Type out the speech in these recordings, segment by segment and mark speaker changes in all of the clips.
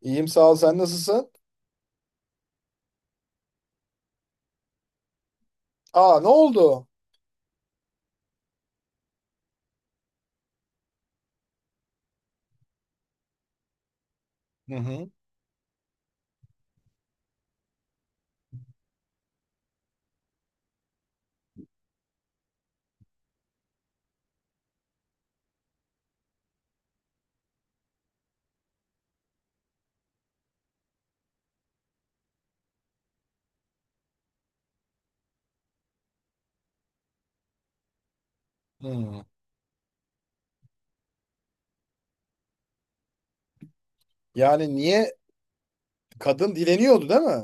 Speaker 1: İyiyim sağ ol. Sen nasılsın? Aa ne oldu? Hı hı. Hı. Yani niye kadın dileniyordu değil mi?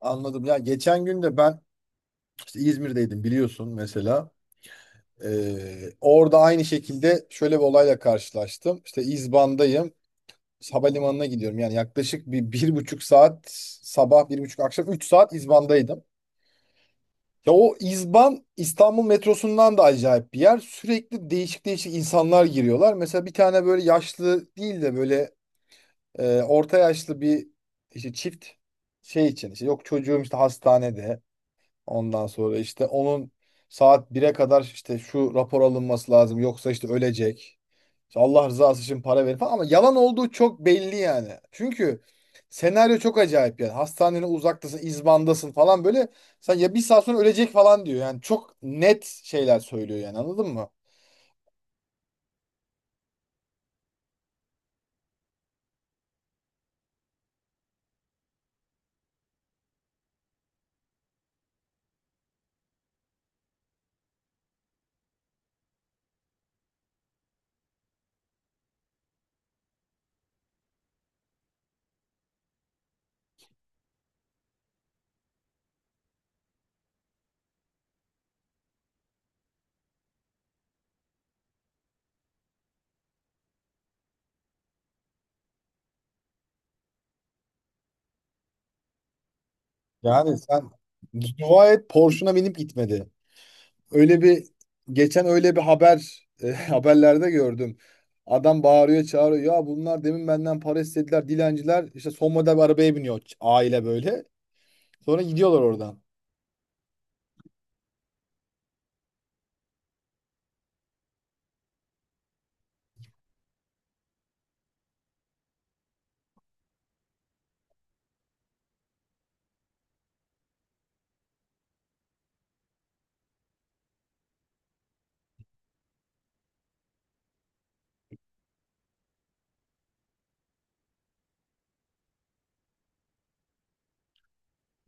Speaker 1: Anladım. Ya geçen gün de ben işte İzmir'deydim biliyorsun mesela. Orada aynı şekilde şöyle bir olayla karşılaştım. İşte İzban'dayım. Havalimanına gidiyorum. Yani yaklaşık bir, bir buçuk saat sabah bir buçuk akşam üç saat İzban'daydım. Ya o İzban İstanbul metrosundan da acayip bir yer. Sürekli değişik değişik insanlar giriyorlar. Mesela bir tane böyle yaşlı değil de böyle orta yaşlı bir işte çift şey için işte yok çocuğum işte hastanede ondan sonra işte onun saat bire kadar işte şu rapor alınması lazım yoksa işte ölecek. İşte Allah rızası için para verin falan ama yalan olduğu çok belli yani. Çünkü senaryo çok acayip yani. Hastanenin uzaktasın, izbandasın falan böyle sen ya bir saat sonra ölecek falan diyor. Yani çok net şeyler söylüyor yani anladın mı? Yani sen dua et Porsche'una binip gitmedi. Öyle bir geçen öyle bir haber haberlerde gördüm. Adam bağırıyor, çağırıyor. Ya bunlar demin benden para istediler dilenciler. İşte son model bir arabaya biniyor aile böyle. Sonra gidiyorlar oradan.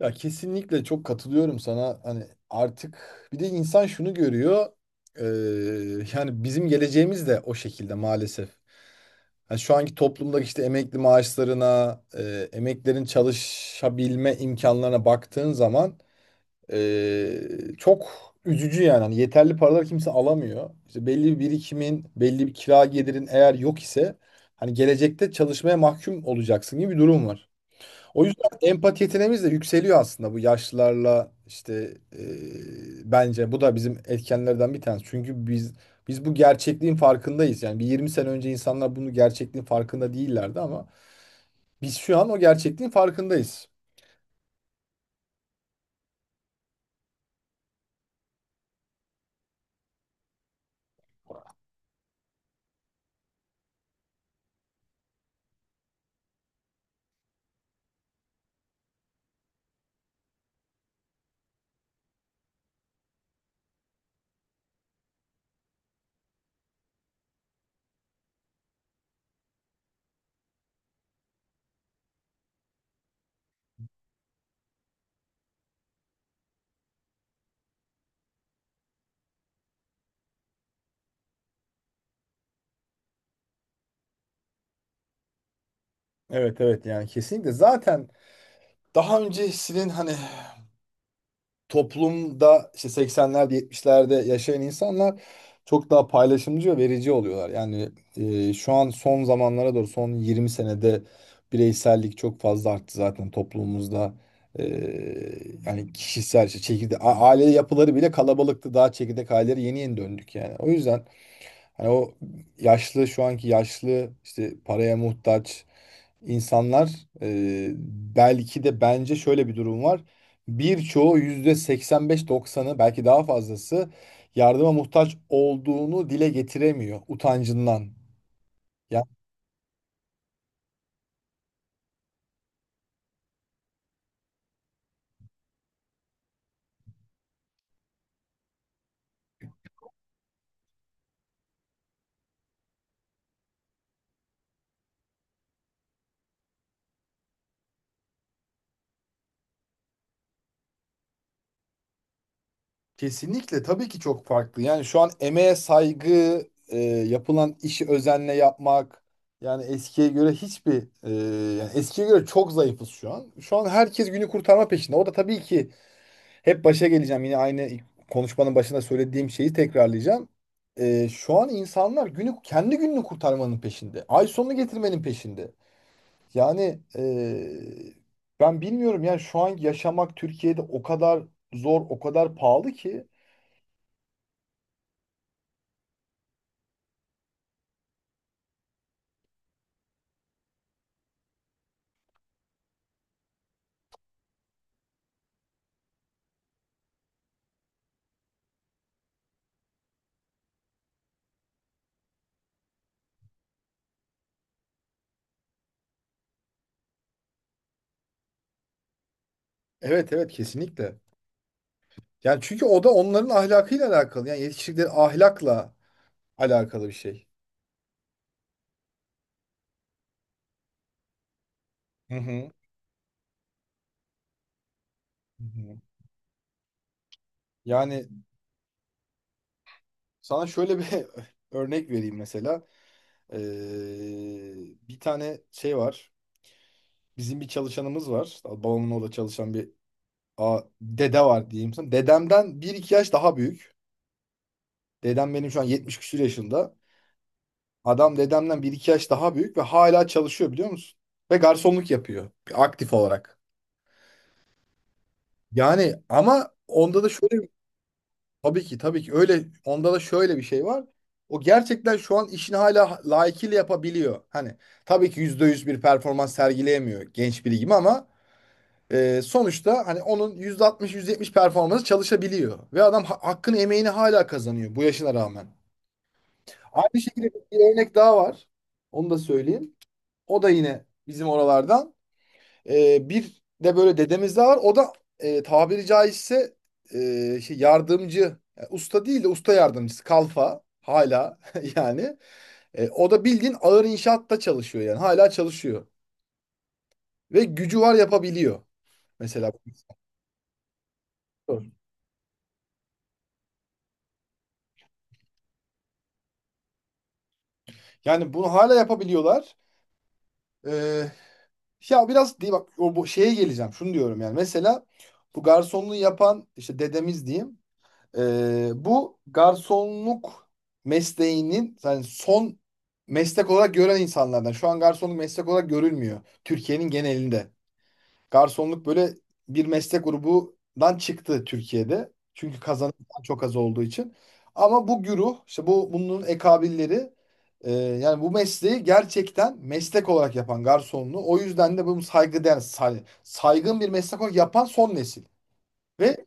Speaker 1: Ya kesinlikle çok katılıyorum sana. Hani artık bir de insan şunu görüyor. Yani bizim geleceğimiz de o şekilde maalesef. Ha, şu anki toplumda işte emekli maaşlarına, emeklerin çalışabilme imkanlarına baktığın zaman eee, çok üzücü yani. Hani yeterli paralar kimse alamıyor. İşte belli bir birikimin, belli bir kira gelirin eğer yok ise hani gelecekte çalışmaya mahkum olacaksın gibi bir durum var. O yüzden empati yeteneğimiz de yükseliyor aslında bu yaşlılarla işte e, bence bu da bizim etkenlerden bir tanesi. Çünkü biz bu gerçekliğin farkındayız. Yani bir 20 sene önce insanlar bunu gerçekliğin farkında değillerdi ama biz şu an o gerçekliğin farkındayız. Evet evet yani kesinlikle zaten daha öncesinin hani toplumda işte 80'lerde 70'lerde yaşayan insanlar çok daha paylaşımcı ve verici oluyorlar. Yani şu an son zamanlara doğru son 20 senede bireysellik çok fazla arttı zaten toplumumuzda. E, Yani kişisel işte çekirdek aile yapıları bile kalabalıktı. Daha çekirdek aileleri yeni yeni döndük yani. O yüzden hani o yaşlı şu anki yaşlı işte paraya muhtaç insanlar e, belki de bence şöyle bir durum var. Birçoğu yüzde 85-90'ı belki daha fazlası yardıma muhtaç olduğunu dile getiremiyor utancından. Yani kesinlikle tabii ki çok farklı. Yani şu an emeğe saygı, yapılan işi özenle yapmak yani eskiye göre hiçbir e, yani eskiye göre çok zayıfız şu an. Şu an herkes günü kurtarma peşinde. O da tabii ki hep başa geleceğim. Yine aynı konuşmanın başında söylediğim şeyi tekrarlayacağım. Şu an insanlar günü kendi gününü kurtarmanın peşinde. Ay sonunu getirmenin peşinde. Yani ben bilmiyorum yani şu an yaşamak Türkiye'de o kadar zor, o kadar pahalı ki. Evet evet kesinlikle. Yani çünkü o da onların ahlakıyla alakalı. Yani yetiştirdikleri ahlakla alakalı bir şey. Hı hı. Hı hı. Yani sana şöyle bir örnek vereyim mesela. Bir tane şey var. Bizim bir çalışanımız var. Babamın orada çalışan bir dede var diyeyim sana. Dedemden bir iki yaş daha büyük. Dedem benim şu an 70 küsur yaşında. Adam dedemden bir iki yaş daha büyük ve hala çalışıyor biliyor musun? Ve garsonluk yapıyor aktif olarak. Yani ama onda da tabii ki tabii ki öyle onda da şöyle bir şey var. O gerçekten şu an işini hala layıkıyla yapabiliyor. Hani tabii ki %100 bir performans sergileyemiyor genç biri gibi ama sonuçta hani onun %60-%70 performansı çalışabiliyor. Ve adam hakkını emeğini hala kazanıyor bu yaşına rağmen. Aynı şekilde bir örnek daha var. Onu da söyleyeyim. O da yine bizim oralardan. Bir de böyle dedemiz daha var. O da tabiri caizse e, yardımcı. Yani usta değil de usta yardımcısı. Kalfa hala yani. O da bildiğin ağır inşaatta çalışıyor yani. Hala çalışıyor. Ve gücü var yapabiliyor. Mesela. Yani bunu hala yapabiliyorlar. Ee, Ya biraz değil bak o bu şeye geleceğim. Şunu diyorum yani. Mesela bu garsonluğu yapan işte dedemiz diyeyim. Bu garsonluk mesleğinin yani son meslek olarak gören insanlardan. Şu an garsonluk meslek olarak görülmüyor Türkiye'nin genelinde. Garsonluk böyle bir meslek grubundan çıktı Türkiye'de. Çünkü kazanan çok az olduğu için. Ama bu güruh, işte bu bunun ekabilleri yani bu mesleği gerçekten meslek olarak yapan garsonluğu o yüzden de bunu saygıdeğer, saygın bir meslek olarak yapan son nesil. Ve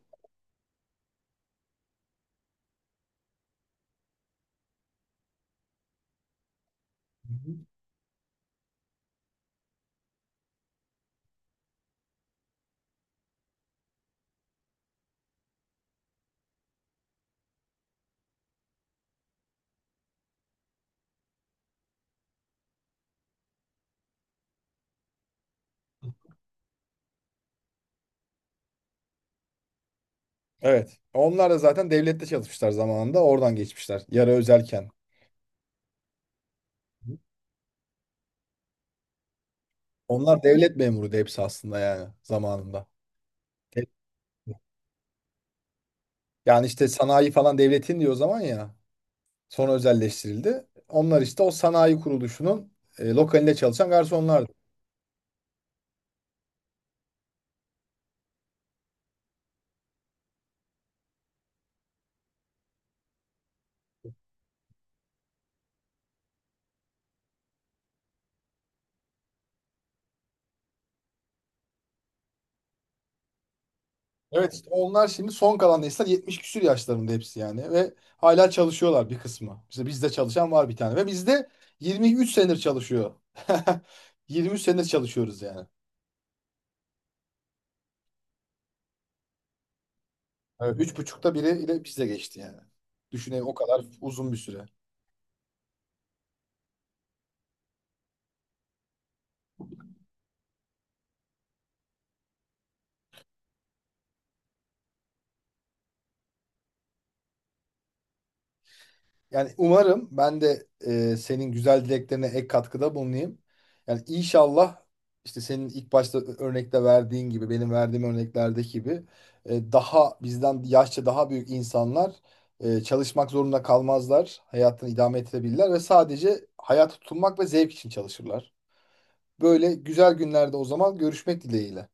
Speaker 1: evet, onlar da zaten devlette çalışmışlar zamanında, oradan geçmişler. Yarı özelken. Onlar devlet memuru da hepsi aslında yani zamanında. Hep- Yani işte sanayi falan devletin diyor o zaman ya. Sonra özelleştirildi. Onlar işte o sanayi kuruluşunun lokalinde çalışan garsonlardı. Evet işte onlar şimdi son kalan nesiller 70 küsür yaşlarında hepsi yani ve hala çalışıyorlar bir kısmı. İşte bizde çalışan var bir tane ve bizde 23 senedir çalışıyor. 23 senedir çalışıyoruz yani. Evet. Üç buçukta biri ile bizde geçti yani. Düşünün o kadar uzun bir süre. Yani umarım ben de senin güzel dileklerine ek katkıda bulunayım. Yani inşallah işte senin ilk başta örnekte verdiğin gibi benim verdiğim örneklerdeki gibi daha bizden yaşça daha büyük insanlar çalışmak zorunda kalmazlar. Hayatını idame ettirebilirler ve sadece hayata tutunmak ve zevk için çalışırlar. Böyle güzel günlerde o zaman görüşmek dileğiyle.